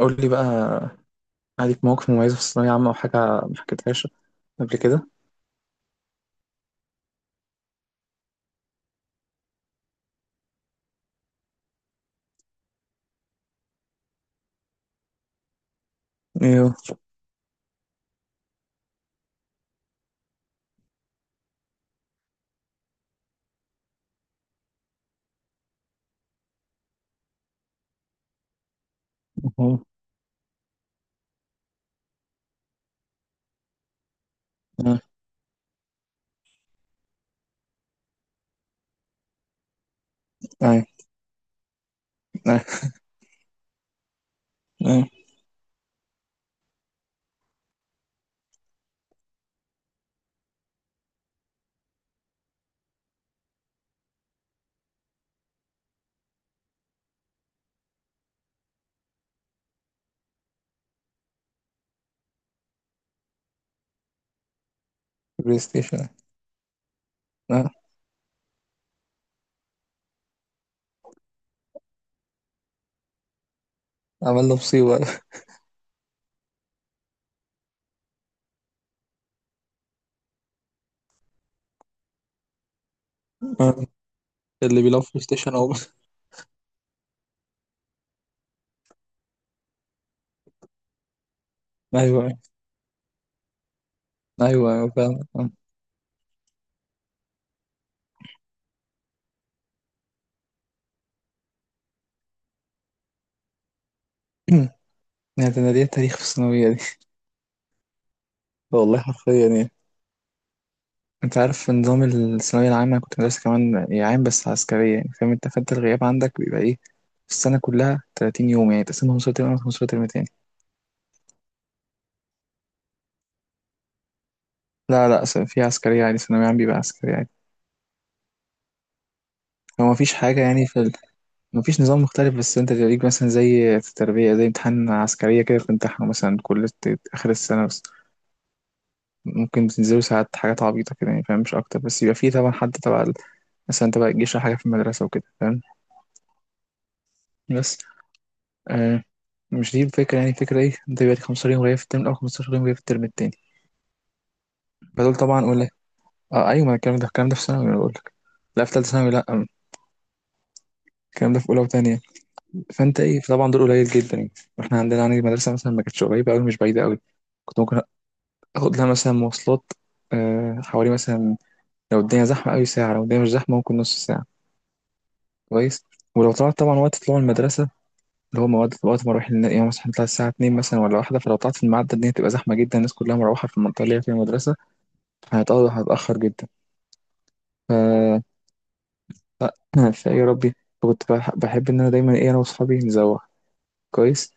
قول لي بقى عليك مواقف مميزة في الثانوية عامة أو حاجة ما حكيتهاش قبل كده. ايوه. أها. اه. اي. اي. اي. بلاي ستيشن. اه. عملنا مصيبة. آه. اللي بيلعب بلاي ستيشن أو أيوه، أيوه فاهم. آه. يعني ده أنا ليا تاريخ في الثانوية دي. والله حرفيا يعني، أنت عارف نظام الثانوية العامة، أنا كنت مدرسة كمان يعني عام بس عسكرية، يعني فاهم أنت؟ فأنت الغياب عندك بيبقى إيه؟ في السنة كلها 30 يوم يعني، تقسمهم نص ترم أو نص ترم تاني. لا لا، في عسكرية عادي، ثانوية عام بيبقى عسكرية عادي. هو مفيش حاجة يعني في ال... مفيش نظام مختلف، بس انت تدريج مثلا زي في التربية، زي امتحان عسكرية كده بتمتحنه مثلا كل آخر السنة بس. ممكن بتنزلوا ساعات حاجات عبيطة كده يعني فاهم، مش أكتر، بس يبقى فيه طبعا حد تبع مثلا تبع الجيش أو حاجة في المدرسة وكده فاهم. بس آه، مش دي الفكرة. يعني الفكرة ايه، انت بيبقى لك 15 يوم غياب في الترم الأول، 15 يوم غياب في الترم التاني. فدول طبعا أقول لك، اه أيوة ما الكلام ده، الكلام ده في ثانوي أنا بقول لك. لا في تالتة ثانوي لا، الكلام ده في أولى وتانية. فانت ايه طبعا دول قليل جدا يعني. احنا عندنا يعني المدرسه مثلا ما كانتش قريبه قوي مش بعيده قوي. كنت ممكن اخد لها مثلا مواصلات آه، حوالي مثلا، لو الدنيا زحمه قوي ساعه، لو الدنيا مش زحمه ممكن نص ساعه. كويس. ولو طلعت طبعا وقت طلوع المدرسه اللي هو مواد وقت ما اروح يعني مثلا هنطلع الساعه 2 مثلا ولا واحده، فلو طلعت في الميعاد ده الدنيا تبقى زحمه جدا، الناس كلها مروحه في المنطقه اللي هي فيها المدرسه. فهتقعد هتاخر جدا. ف فيا ربي، كنت بحب ان انا دايما ايه، انا واصحابي نزوغ. كويس.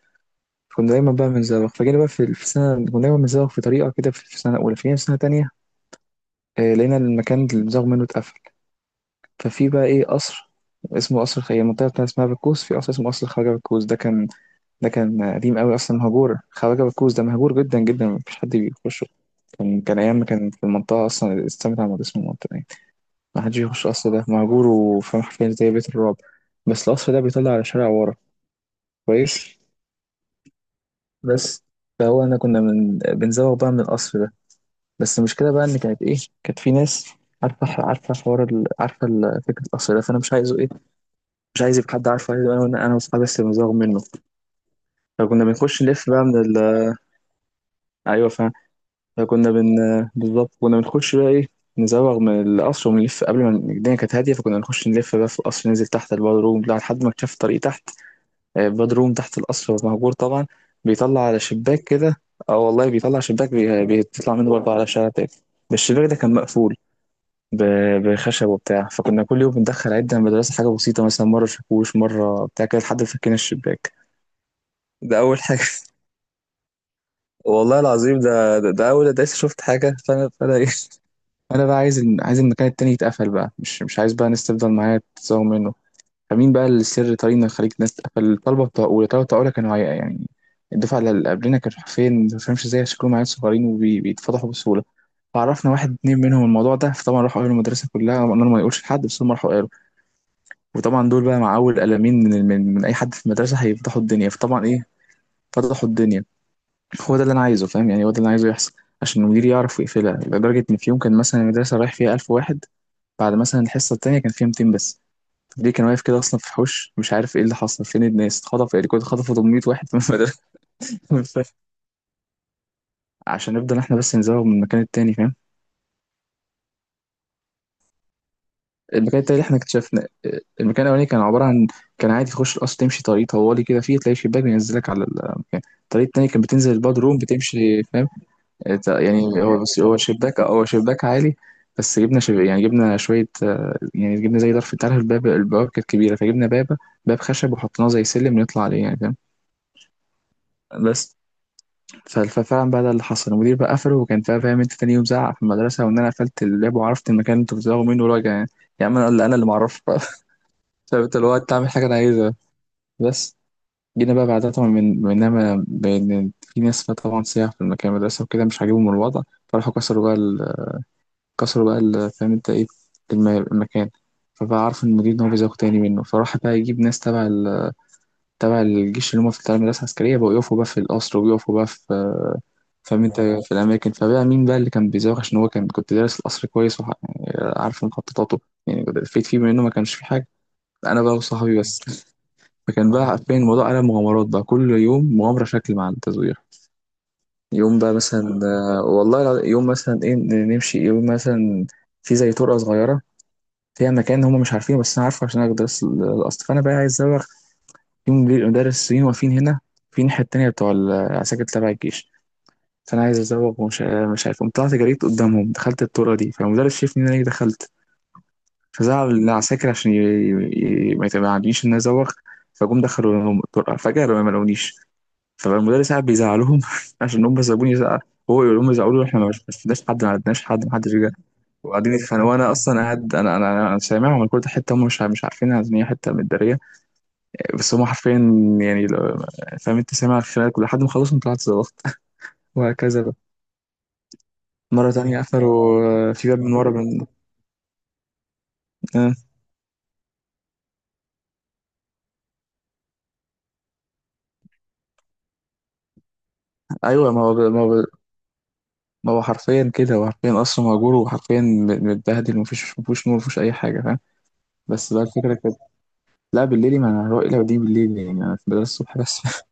كنت دايما بقى بنزوغ، فجينا بقى في سنة كنا دايما بنزوغ في طريقة كده في سنة أولى، فجينا في سنة تانية آه، لقينا المكان اللي بنزوغ منه اتقفل. ففي بقى إيه قصر، اسمه قصر هي المنطقة بتاعتها اسمها بكوس، في قصر اسمه قصر خواجة بكوس. ده كان ده كان قديم قوي أصلا مهجور، خواجة بكوس ده مهجور جدا جدا، مفيش حد بيخشه. كان كان أيام ما كان في المنطقة أصلا السمت عمود اسم المنطقة يعني. ما حدش بيخش القصر ده، مهجور وفاهم حرفيا زي بيت الرعب. بس القصر ده بيطلع على شارع ورا. كويس. بس فهو أنا كنا من بنزوغ بقى من القصر ده. بس المشكله بقى ان كانت ايه، كانت في ناس عارفه، عارفه حوار عارفه فكره القصر ده، فانا مش عايزه ايه، مش عايز يبقى حد عارفه، عايز انا، انا واصحابي بس بنزاغ منه. فكنا بنخش نلف بقى من ال... ايوه فاهم. فكنا بن بالظبط كنا بنخش بقى ايه، نزوغ من القصر ونلف قبل ما الدنيا كانت هاديه، فكنا نخش نلف بقى في القصر ننزل تحت الباد روم لا، لحد ما اكتشفت طريق تحت آه، الباد روم تحت القصر مهجور طبعا، بيطلع على شباك كده. اه والله بيطلع شباك بيطلع منه برضه على شارع تاني. الشباك ده كان مقفول بخشب وبتاع، فكنا كل يوم بندخل عدة من المدرسة حاجة بسيطة، مثلا مرة شاكوش مرة بتاع كده لحد ما فكينا الشباك. ده أول حاجة. والله العظيم ده ده أول دايس شفت حاجة. فأنا إيه. أنا بقى عايز عايز المكان التاني يتقفل بقى، مش عايز بقى الناس تفضل معايا تزوغ منه. فمين بقى السر طريقنا يخليك الناس تقفل، الطلبة بتوع أولى، الطلبة بتوع أولى كانوا عيقة يعني، الدفعة اللي قبلنا كانوا حرفيا ما فهمش ازاي، شكلهم عيال صغيرين وبيتفضحوا بسهولة. فعرفنا واحد اتنين منهم الموضوع ده، فطبعا راحوا قالوا المدرسة كلها، قلنا لهم ما يقولش لحد بس هم راحوا. وطبعا دول بقى مع اول قلمين من اي حد في المدرسه هيفتحوا الدنيا، فطبعا ايه فتحوا الدنيا. هو ده اللي انا عايزه فاهم، يعني هو ده اللي انا عايزه يحصل، عشان المدير يعرف يقفلها. لدرجه ان في يوم كان مثلا المدرسه رايح فيها 1000 واحد، بعد مثلا الحصه التانيه كان فيها 200 بس. المدير كان واقف كده اصلا في الحوش، مش عارف ايه اللي حصل، فين الناس اتخطف يعني، كنت خطفوا 800 واحد من المدرسه. مش فاهم. عشان نفضل احنا بس نزوغ من المكان التاني فاهم. المكان التاني اللي احنا اكتشفنا آه، المكان الاولاني كان عباره عن، كان عادي تخش القصر تمشي طريق طوالي كده فيه تلاقي شباك بينزلك على المكان، الطريق التاني كان بتنزل الباد روم بتمشي فاهم. آه، يعني هو بس هو شباك، هو شباك عالي، بس جبنا شب... يعني جبنا شويه آه، يعني جبنا زي ظرف، انت عارف الباب البوابه كانت كبيره، فجبنا باب، باب خشب وحطيناه زي سلم نطلع عليه يعني فاهم. بس ففعلا بقى ده اللي حصل، المدير بقى قفله وكان فاهم انت، تاني يوم زعق في المدرسه وان انا قفلت الباب وعرفت المكان اللي انتوا بتزعقوا منه وراجع يعني. يا عم انا اللي، انا اللي معرفش. فانت اللي هو انت عامل حاجه انا عايزها. بس جينا بقى بعدها طبعا، من منما بان في ناس بقى طبعا سياح في المكان المدرسه وكده مش عاجبهم الوضع، فراحوا كسروا بقى ال... كسروا بقى ال... فاهم انت ايه، المكان. فبقى عارف المدير ان هو بيزوق تاني منه، فراح بقى يجيب ناس تبع ال... تبع الجيش اللي هم في تبع المدرسه العسكريه بقوا يقفوا بقى في القصر وبيقفوا بقى في فاهم انت في الاماكن. فبقى مين بقى اللي كان بيزوق، عشان هو كان كنت دارس القصر كويس وعارف مخططاته يعني، فيت فيه منه ما كانش فيه حاجه. انا بقى وصحابي بس. فكان بقى حرفيا الموضوع قلب مغامرات بقى، كل يوم مغامرة شكل مع التزوير. يوم بقى مثلا آه، والله يوم مثلا ايه نمشي يوم مثلا في زي طرقة صغيرة، فيها مكان هم مش عارفينه بس انا عارفه عشان انا بدرس الاصل، فانا بقى عايز ازوغ. يوم ليه المدرسين واقفين هنا في الناحية التانية بتوع العساكر تبع الجيش، فانا عايز ازوغ ومش مش عارف، قمت طلعت جريت قدامهم دخلت الطرقة دي، فالمدرس شافني ان انا إيه، دخلت. فزعل العساكر عشان ما يتبعنيش ان انا ازوغ. فجم دخلوا لهم الطرقة فجأة ما لقونيش، فالمدرس قاعد بيزعلهم عشان هم سابوني زعل. هو يقول لهم يزعلوا له، احنا ما شفناش حد، ما عرفناش حد، ما حدش جه. وقاعدين يتخانقوا وانا اصلا قاعد، انا سامعهم، الكل ده حته هم مش عارفينها ان هي حته متداريه. بس هم حرفيا يعني لو، فاهم انت سامع الخناقه كل لحد ما خلصنا طلعت زلطت. وهكذا بقى. مره تانية قفلوا آه، في باب من ورا من آه، ايوه ما هو حرفيا كده، هو حرفيا اصلا مهجور وحرفيا متبهدل، ومفيش نور، مفيش اي حاجه فاهم. بس بقى الفكره، لا بالليل، ما انا هروح لو دي بالليل يعني، انا في المدرسة الصبح بس.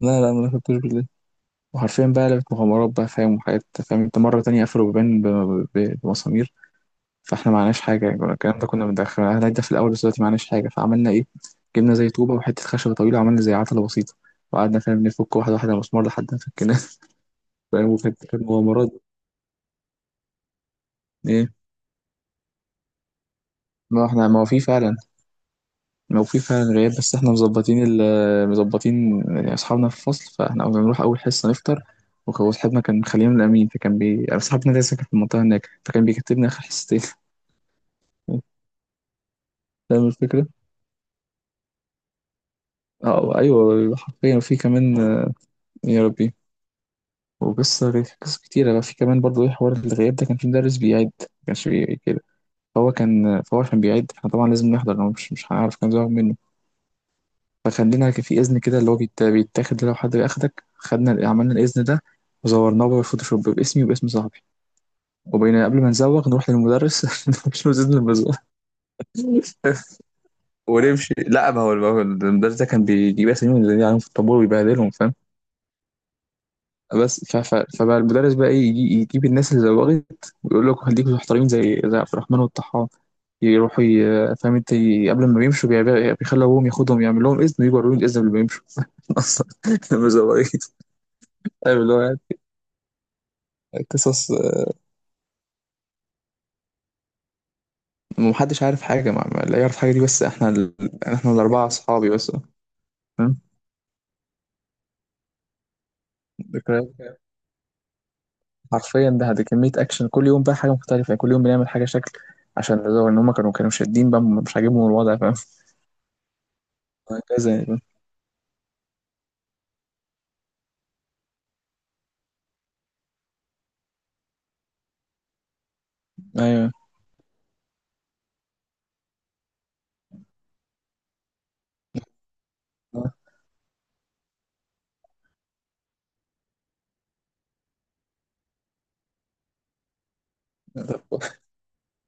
لا لا، ما ركبتوش بالليل. وحرفيا بقى لعبت مغامرات بقى فاهم وحاجات، فاهم انت مرة تانية قفلوا بيبان بمسامير. فاحنا معناش حاجة يعني كنا، الكلام ده كنا بندخل احنا ده في الأول، بس دلوقتي معناش حاجة فعملنا ايه، جبنا زي طوبة وحتة خشبة طويلة، عملنا زي عتلة بسيطة، وقعدنا فاهم نفك واحدة واحدة مسمار لحد ما فكناه. فاهم وكانت كانت مغامرات. ايه، ما احنا، ما هو في فعلا، لو في فعلا غياب، بس احنا مظبطين ال- آه، مظبطين يعني اصحابنا في الفصل، فاحنا كنا بنروح اول حصه نفطر. وهو صاحبنا كان خلينا من الامين، فكان بي أنا صاحبنا ده ساكن في المنطقه هناك، فكان بيكتبنا اخر حصتين. فاهم الفكره؟ اه ايوه حرفيا في كمان آه، يا ربي. وقصه قصص كتيره بقى في كمان برضه ايه، حوار الغياب ده كان في مدرس بيعيد ما كانش كده. فهو كان فهو عشان بيعيد فاحنا طبعا لازم نحضر، لو مش هنعرف كان زهق منه. فخلينا في إذن كده اللي هو بيتاخد لو حد أخدك، خدنا عملنا الإذن ده، وزورناه بالفوتوشوب باسمي وباسم صاحبي، وبين قبل ما نزوغ نروح للمدرس، مش إذن المزوغ ونمشي. لا ما هو، ما هو المدرس ده كان بيجيب اساميهم اللي عليهم في الطابور ويبهدلهم فاهم. بس فبقى المدرس بقى ايه يجيب الناس اللي زوغت ويقول لكم خليكم محترمين زي، زي عبد الرحمن والطحان. يروحوا ي... فاهم انت قبل ما بيمشوا بيخلوا ابوهم ياخدهم يعمل لهم اذن ويجوا يوريهم الاذن قبل ما يمشوا. اصلا المزوغين. ايوه اللي هو قصص. محدش عارف حاجة مع لا يعرف حاجة دي بس احنا ال... احنا الأربعة أصحابي بس. فاهم؟ ذكريات، حرفيا ده ده كمية أكشن، كل يوم بقى حاجة مختلفة يعني، كل يوم بنعمل حاجة شكل عشان نزور، إن هما كانوا كانوا شادين بقى مش عاجبهم الوضع فاهم. وهكذا يعني. أيوه. آه. طب كويس.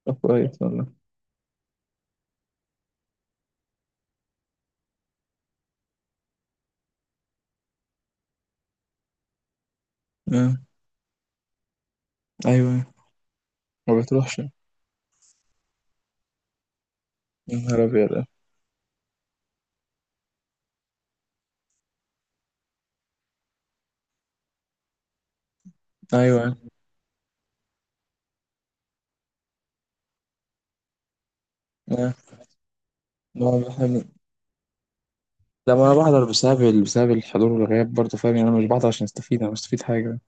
طب كويس والله. آه. أيوه. ما بتروحش يا نهار أبيض. أيوه. آه. ما إحنا لا ما أنا بحضر بسبب بسبب الحضور والغياب برضه فاهم يعني، أنا مش بحضر عشان أستفيد، أنا مش مستفيد حاجة.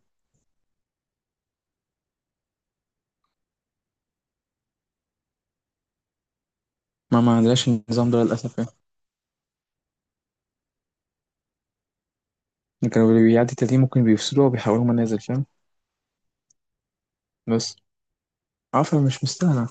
ما عندناش النظام ده للأسف يعني. كانوا اللي بيعدي تلاتين ممكن بيفصلوها وبيحولوها منازل فاهم. بس عفا مش مستاهلة